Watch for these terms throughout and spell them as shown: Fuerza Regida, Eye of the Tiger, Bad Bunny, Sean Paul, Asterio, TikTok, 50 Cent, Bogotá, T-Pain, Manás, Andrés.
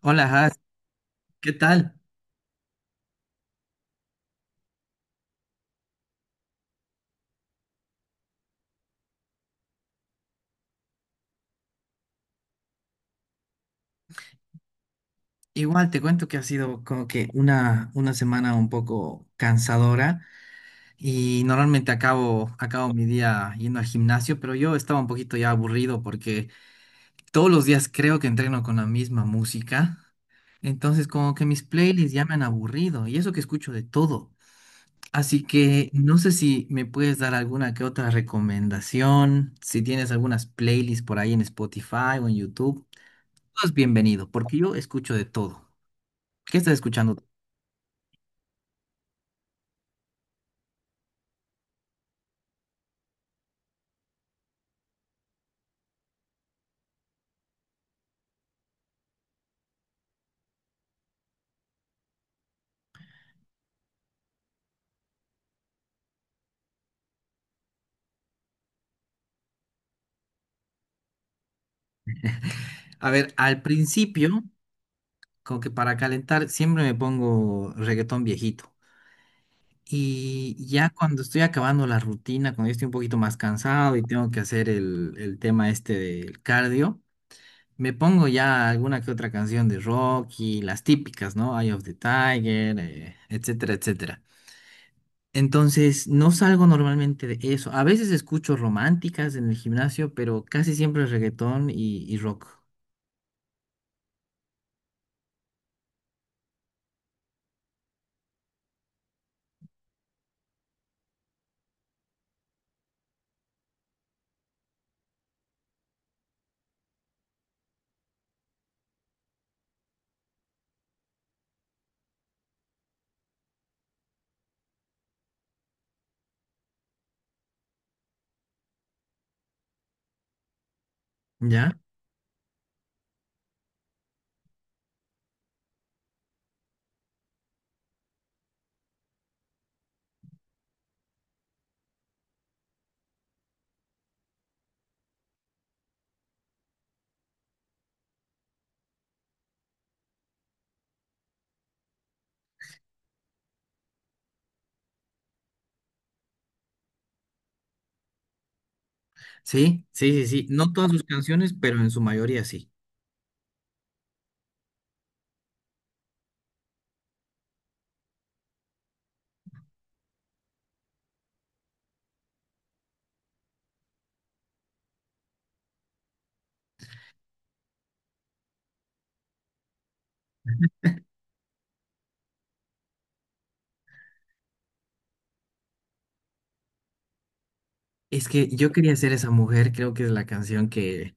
Hola, Has, ¿qué tal? Igual te cuento que ha sido como que una semana un poco cansadora y normalmente acabo mi día yendo al gimnasio, pero yo estaba un poquito ya aburrido porque todos los días creo que entreno con la misma música. Entonces como que mis playlists ya me han aburrido, y eso que escucho de todo. Así que no sé si me puedes dar alguna que otra recomendación, si tienes algunas playlists por ahí en Spotify o en YouTube, todo es bienvenido porque yo escucho de todo. ¿Qué estás escuchando? A ver, al principio, como que para calentar, siempre me pongo reggaetón viejito. Y ya cuando estoy acabando la rutina, cuando ya estoy un poquito más cansado y tengo que hacer el tema este del cardio, me pongo ya alguna que otra canción de rock y las típicas, ¿no? Eye of the Tiger, etcétera, etcétera. Entonces, no salgo normalmente de eso. A veces escucho románticas en el gimnasio, pero casi siempre reggaetón y rock, ¿ya? Sí, sí, sí, sí. No todas sus canciones, pero en su mayoría sí. Es que yo quería ser esa mujer, creo que es la canción que...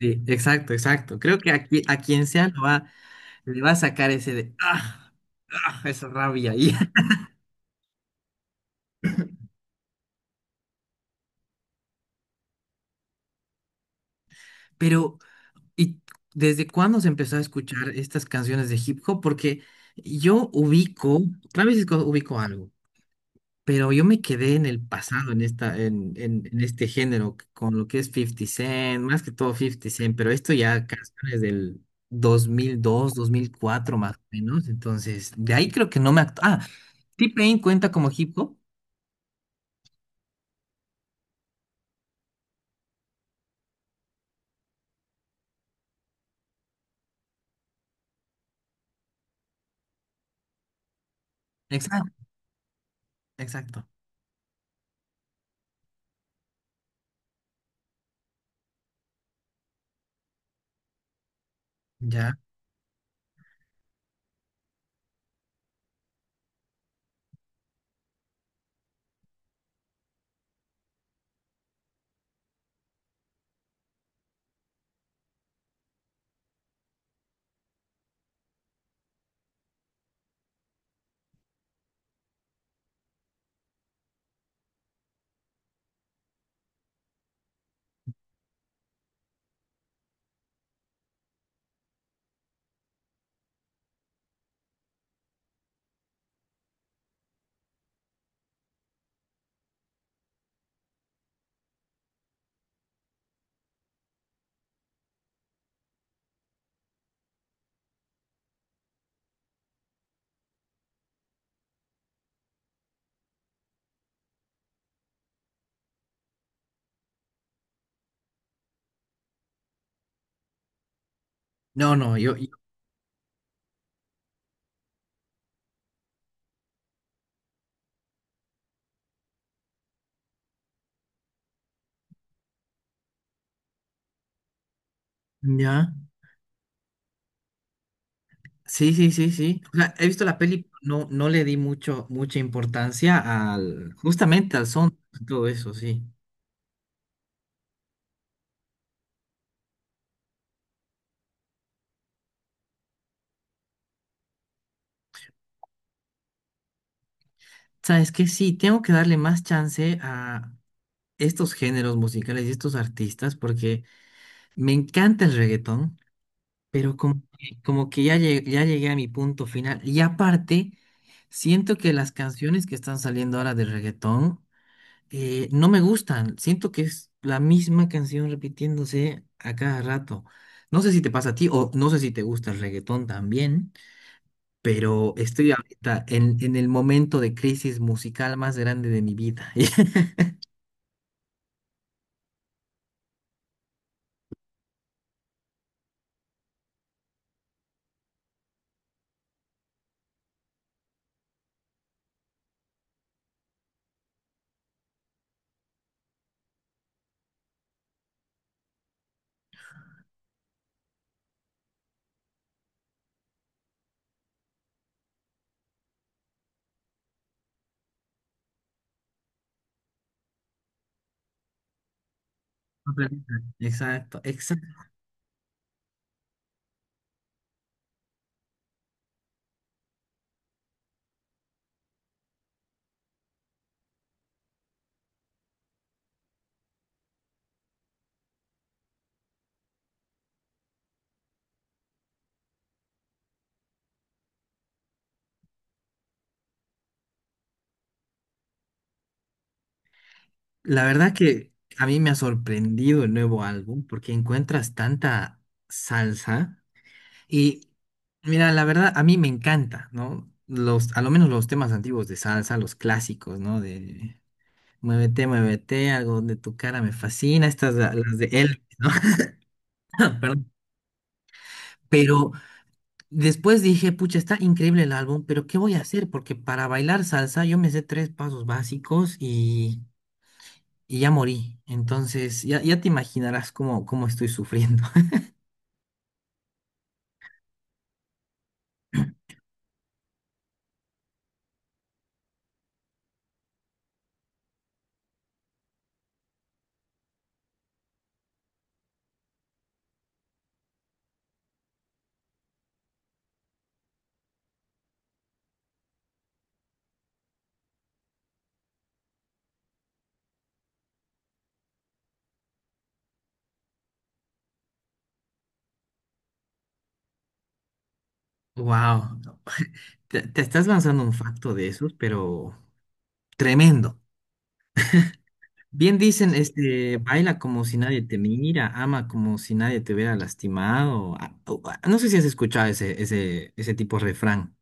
Sí, exacto, exacto. Creo que aquí, a quien sea lo va, le va a sacar ese de... ¡Ah! ¡Ah! Esa rabia ahí. Pero, ¿y desde cuándo se empezó a escuchar estas canciones de hip hop? Porque yo ubico, tal vez es cuando ubico algo. Pero yo me quedé en el pasado, en esta, en este género, con lo que es 50 Cent, más que todo 50 Cent, pero esto ya canciones del 2002, 2004 más o menos, entonces de ahí creo que no me... Ah, T-Pain cuenta como hip hop. Exacto, exacto. Ya. No, no, yo, Ya. Sí, sí, sí, sí. O sea, he visto la peli, pero no, no le di mucho, mucha importancia al, justamente al son, todo eso, sí. ¿Sabes qué? Sí, tengo que darle más chance a estos géneros musicales y estos artistas porque me encanta el reggaetón, pero como, como que ya, ya llegué a mi punto final. Y aparte, siento que las canciones que están saliendo ahora de reggaetón no me gustan. Siento que es la misma canción repitiéndose a cada rato. No sé si te pasa a ti o no sé si te gusta el reggaetón también, pero estoy ahorita en el momento de crisis musical más grande de mi vida. Exacto, exacto. La verdad que a mí me ha sorprendido el nuevo álbum porque encuentras tanta salsa. Y mira, la verdad a mí me encanta, ¿no? Los, a lo menos los temas antiguos de salsa, los clásicos, ¿no? De Muévete, muévete, algo de tu cara me fascina, estas las de él, ¿no? Perdón. Pero después dije, pucha, está increíble el álbum, pero ¿qué voy a hacer? Porque para bailar salsa yo me sé tres pasos básicos y ya morí. Entonces, ya, ya te imaginarás cómo, cómo estoy sufriendo. Wow, te estás lanzando un facto de esos, pero tremendo. Bien dicen, este, baila como si nadie te mira, ama como si nadie te hubiera lastimado. Ah, oh, ah, no sé si has escuchado ese, ese, ese tipo de refrán.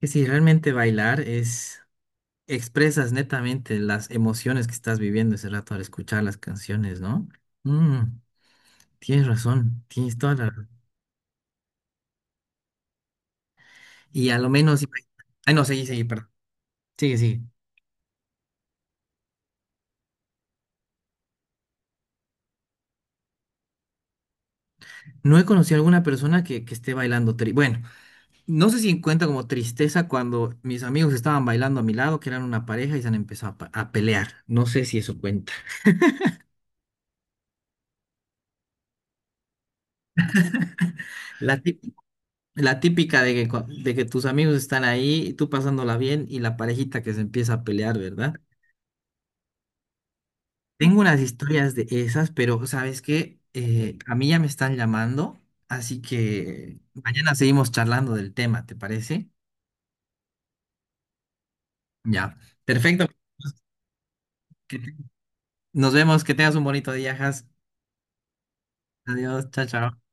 Que si realmente bailar es, expresas netamente las emociones que estás viviendo ese rato al escuchar las canciones, ¿no? Mm, tienes razón, tienes toda la razón. Y a lo menos... Ay, no, seguí, seguí, perdón. Sigue, sigue. No he conocido a alguna persona que esté bailando Bueno, no sé si cuenta como tristeza cuando mis amigos estaban bailando a mi lado, que eran una pareja y se han empezado a, a pelear. No sé si eso cuenta. La, la típica de que, de que tus amigos están ahí, tú pasándola bien y la parejita que se empieza a pelear, ¿verdad? Tengo unas historias de esas, pero ¿sabes qué? A mí ya me están llamando, así que mañana seguimos charlando del tema, ¿te parece? Ya, perfecto. Que- Nos vemos, que tengas un bonito día, Has. Adiós, chao, chao.